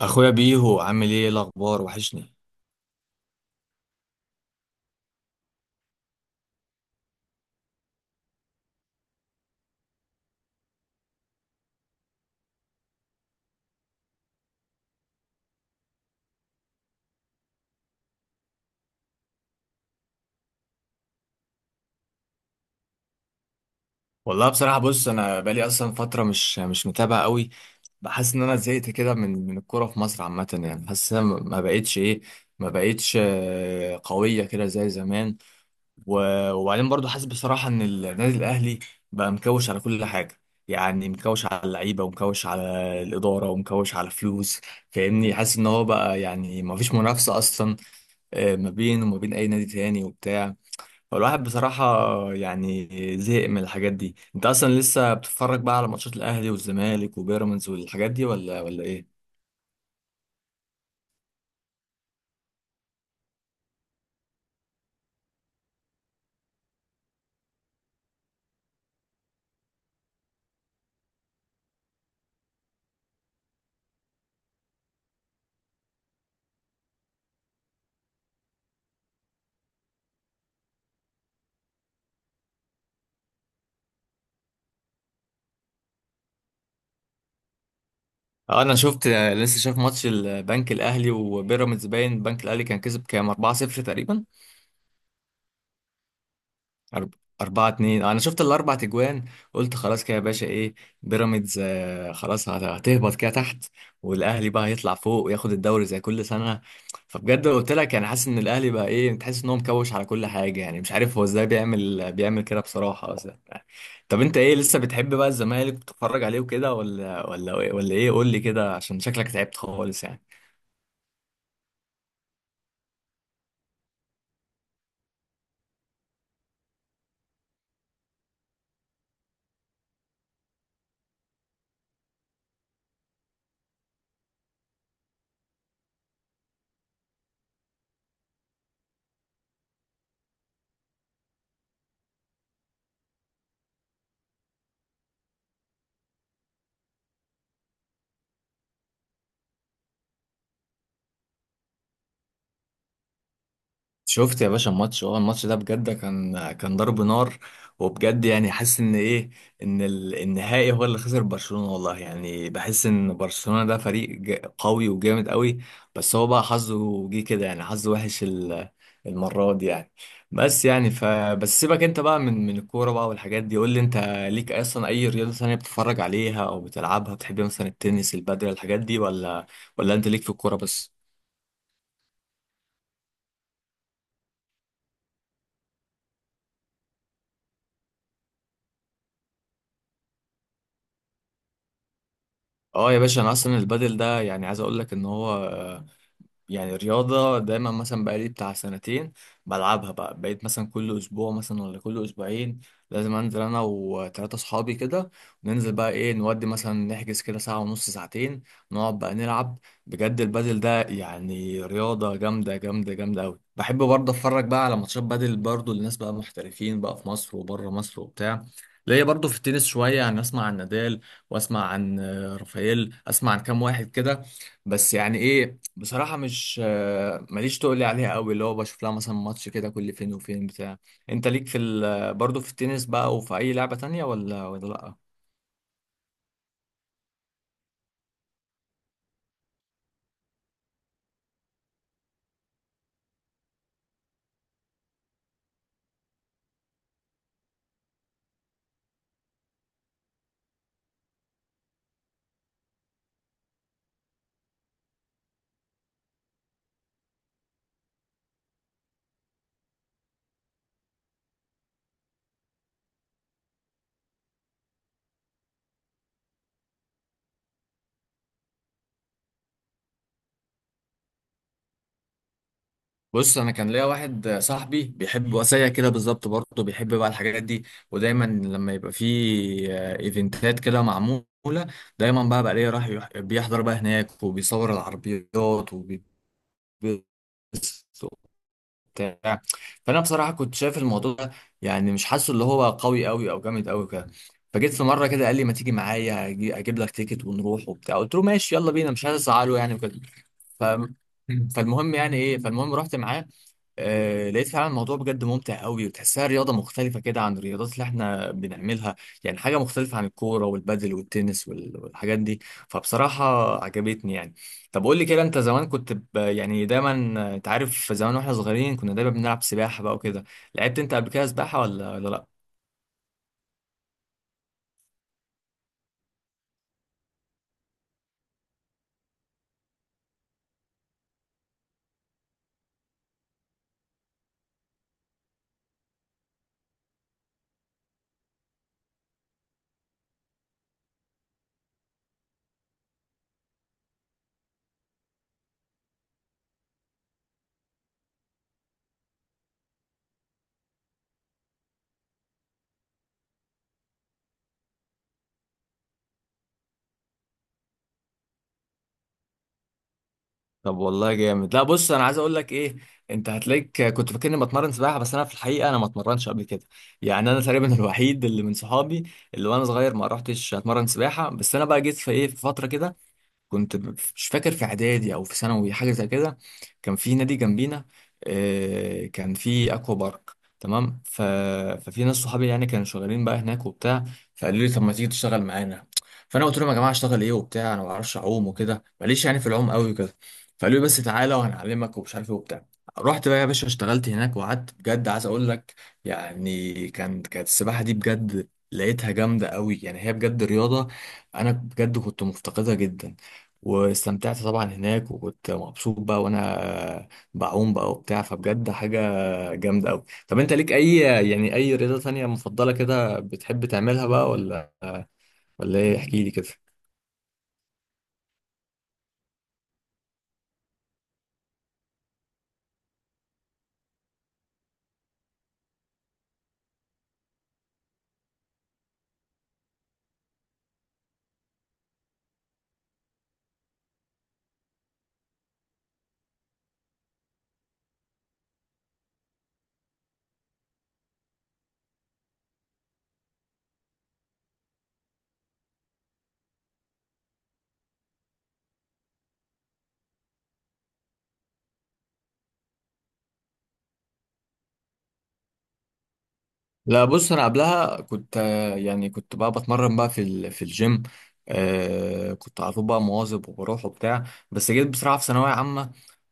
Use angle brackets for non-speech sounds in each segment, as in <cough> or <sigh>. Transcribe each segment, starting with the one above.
اخويا بيهو عامل ايه الاخبار وحشني. والله بصراحه بص انا بقالي اصلا فتره مش متابع قوي. بحس ان انا زهقت كده من الكوره في مصر عامه، يعني حاسس إن أنا ما بقتش ايه ما بقتش آه، قويه كده زي زمان. وبعدين برضو حاسس بصراحه ان النادي الاهلي بقى مكوش على كل حاجه، يعني مكوش على اللعيبه ومكوش على الاداره ومكوش على فلوس. فاهمني، حاسس ان هو بقى يعني ما فيش منافسه اصلا ما بينه وما بين اي نادي تاني وبتاع. هو الواحد بصراحة يعني زهق من الحاجات دي. انت اصلا لسه بتتفرج بقى على ماتشات الاهلي والزمالك وبيراميدز والحاجات دي ولا ايه؟ اه، انا شفت لسه، شايف ماتش البنك الاهلي وبيراميدز، باين البنك الاهلي كان كسب كام 4-0 تقريبا. أرب... أربعة اتنين، أنا شفت الأربع تجوان. قلت خلاص كده يا باشا، بيراميدز خلاص هتهبط كده تحت، والأهلي بقى هيطلع فوق وياخد الدوري زي كل سنة. فبجد قلت لك يعني حاسس إن الأهلي بقى، تحس إن هو مكوش على كل حاجة. يعني مش عارف هو إزاي بيعمل كده بصراحة أصلا. طب أنت إيه، لسه بتحب بقى الزمالك بتتفرج عليه وكده، ولا إيه قول لي كده، عشان شكلك تعبت خالص يعني؟ شفت يا باشا الماتش ده بجد كان ضرب نار. وبجد يعني حاسس ان النهائي هو اللي خسر برشلونة. والله يعني بحس ان برشلونة ده فريق قوي وجامد قوي. بس هو بقى حظه جه كده، يعني حظه وحش المرة دي يعني. بس يعني بس سيبك انت بقى من الكورة بقى والحاجات دي. قول لي انت ليك اصلا اي رياضة ثانية بتتفرج عليها او بتلعبها، بتحب مثلا التنس، البادل، الحاجات دي، ولا انت ليك في الكورة بس؟ اه يا باشا، انا اصلا البادل ده يعني عايز اقول لك ان هو يعني رياضة، دايما مثلا بقالي بتاع سنتين بلعبها بقى. بقيت مثلا كل أسبوع مثلا ولا كل أسبوعين لازم أنزل أنا وتلاتة صحابي كده، ننزل بقى، نودي مثلا، نحجز كده ساعة ونص، ساعتين، نقعد بقى نلعب. بجد البادل ده يعني رياضة جامدة جامدة جامدة أوي. بحب برضه أتفرج بقى على ماتشات بادل برضه لناس بقى محترفين بقى في مصر وبره مصر وبتاع. ليا برضه في التنس شوية، يعني أسمع عن نادال، وأسمع عن رافائيل، أسمع عن كام واحد كده. بس يعني بصراحة مش ماليش تقول لي عليها قوي، اللي هو بشوف لها مثلا ماتش كده كل فين وفين بتاع. انت ليك في برضه في التنس بقى، وفي اي لعبة تانية، ولا لا؟ بص انا كان ليا واحد صاحبي بيحب وسيا كده بالظبط، برضه بيحب بقى الحاجات دي. ودايما لما يبقى في ايفنتات كده معمولة، دايما بقى ليه راح بيحضر بقى هناك وبيصور العربيات وبيبص بتاع فانا بصراحه كنت شايف الموضوع ده يعني مش حاسه اللي هو قوي قوي او جامد قوي كده. فجيت في مره كده قال لي ما تيجي معايا، اجيب لك تيكت ونروح وبتاع. قلت له ماشي يلا بينا، مش عايز ازعله يعني وكده. ف... فالمهم يعني ايه فالمهم رحت معاه. لقيت فعلا الموضوع بجد ممتع قوي، وتحسها رياضة مختلفة كده عن الرياضات اللي احنا بنعملها. يعني حاجة مختلفة عن الكورة والبادل والتنس والحاجات دي. فبصراحة عجبتني يعني. طب قول لي كده، انت زمان كنت يعني دايما، انت عارف زمان واحنا صغيرين كنا دايما بنلعب سباحة بقى وكده، لعبت انت قبل كده سباحة ولا لا؟ طب والله جامد. لا بص، انا عايز اقول لك انت هتلاقيك كنت فاكرني بتمرن سباحه، بس انا في الحقيقه انا ما اتمرنش قبل كده. يعني انا تقريبا <laughs> الوحيد اللي من صحابي اللي وانا صغير ما رحتش اتمرن سباحه. بس انا بقى جيت في ايه في فتره كده، كنت مش فاكر في اعدادي او في ثانوي حاجه زي كده. كان في نادي جنبينا كان في اكوا بارك، تمام. ففي ناس صحابي يعني كانوا شغالين بقى هناك وبتاع، فقالوا لي طب ما تيجي تشتغل معانا. فانا قلت لهم يا جماعه اشتغل ايه وبتاع، انا ما بعرفش اعوم وكده، ماليش يعني في العوم قوي وكده. فقالوا لي بس تعالى وهنعلمك ومش عارف ايه وبتاع. رحت بقى يا باشا اشتغلت هناك وقعدت، بجد عايز اقول لك يعني كانت السباحه دي، بجد لقيتها جامده قوي، يعني هي بجد رياضه. انا بجد كنت مفتقدها جدا، واستمتعت طبعا هناك، وكنت مبسوط بقى وانا بعوم بقى وبتاع. فبجد حاجة جامدة قوي. طب انت ليك اي رياضة تانية مفضلة كده بتحب تعملها بقى، ولا ايه احكي لي كده؟ لا بص، انا قبلها كنت يعني كنت بقى بتمرن بقى في الجيم. كنت على طول بقى مواظب وبروح وبتاع. بس جيت بصراحه في ثانويه عامه،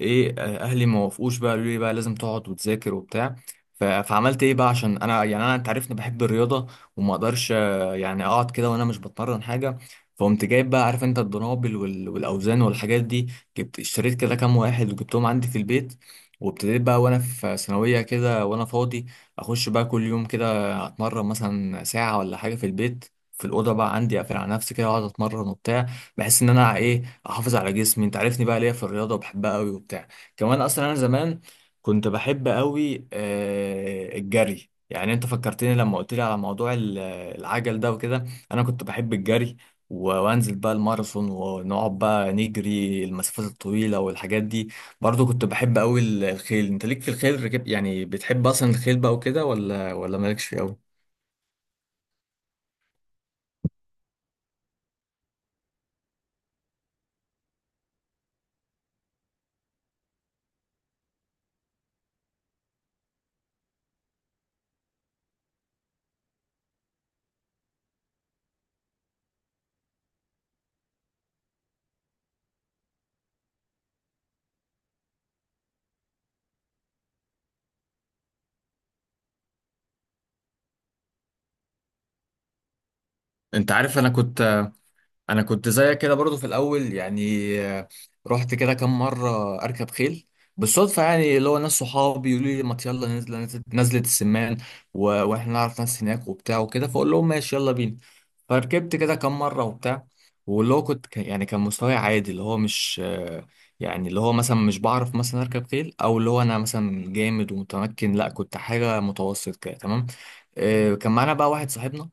ايه آه، اهلي ما وافقوش بقى، قالوا لي بقى لازم تقعد وتذاكر وبتاع. فعملت ايه بقى، عشان انا انت عارفني بحب الرياضه، وما اقدرش يعني اقعد كده وانا مش بتمرن حاجه. فقمت جايب بقى، عارف انت الدنابل والاوزان والحاجات دي، جبت اشتريت كده كام واحد وجبتهم عندي في البيت. وابتديت بقى وانا في ثانويه كده وانا فاضي، اخش بقى كل يوم كده اتمرن مثلا ساعه ولا حاجه في البيت، في الاوضه بقى عندي، اقفل على نفسي كده واقعد اتمرن وبتاع. بحس ان انا احافظ على جسمي، انت عارفني بقى ليا في الرياضه وبحبها قوي وبتاع. كمان اصلا انا زمان كنت بحب قوي الجري. يعني انت فكرتني لما قلت لي على موضوع العجل ده وكده. انا كنت بحب الجري، وانزل بقى الماراثون، ونقعد بقى نجري المسافات الطويله والحاجات دي. برضه كنت بحب قوي الخيل. انت ليك في الخيل ركب؟ يعني بتحب اصلا الخيل بقى وكده ولا مالكش فيه قوي؟ انت عارف، انا كنت زيك كده برضو في الاول، يعني رحت كده كام مره اركب خيل بالصدفه، يعني اللي هو ناس صحابي يقولوا لي ما يلا نزل، نزلت السمان واحنا نعرف ناس هناك وبتاع وكده، فاقول لهم ماشي يلا بينا. فركبت كده كام مره وبتاع، واللي هو كنت يعني كان مستواي عادي، اللي هو مش يعني اللي هو مثلا مش بعرف مثلا اركب خيل، او اللي هو انا مثلا جامد ومتمكن، لا، كنت حاجه متوسط كده تمام. كان معانا بقى واحد صاحبنا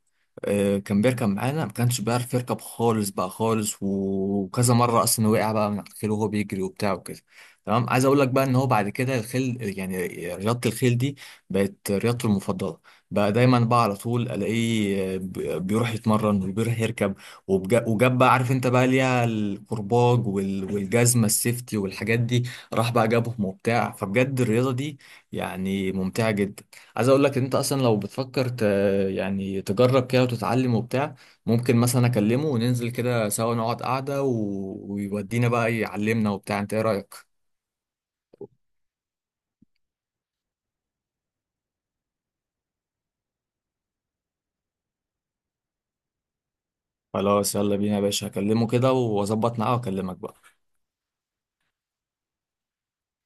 كان بيركب معانا، ما كانش بيعرف يركب خالص بقى خالص، وكذا مره اصلا وقع بقى من على الخيل وهو بيجري وبتاع وكده. تمام، عايز اقول لك بقى ان هو بعد كده الخيل يعني، رياضه الخيل دي بقت رياضته المفضله بقى. دايما بقى على طول الاقيه بيروح يتمرن وبيروح يركب، وجاب بقى، عارف انت بقى ليها الكرباج والجزمه السيفتي والحاجات دي، راح بقى جابهم وبتاع. فبجد الرياضه دي يعني ممتعه جدا. عايز اقول لك ان انت اصلا لو بتفكر يعني تجرب كده وتتعلم وبتاع، ممكن مثلا اكلمه وننزل كده سوا نقعد قعدة، ويودينا بقى يعلمنا وبتاع، انت ايه رأيك؟ خلاص يلا بينا يا باشا، هكلمه كده واظبط معاه واكلمك بقى.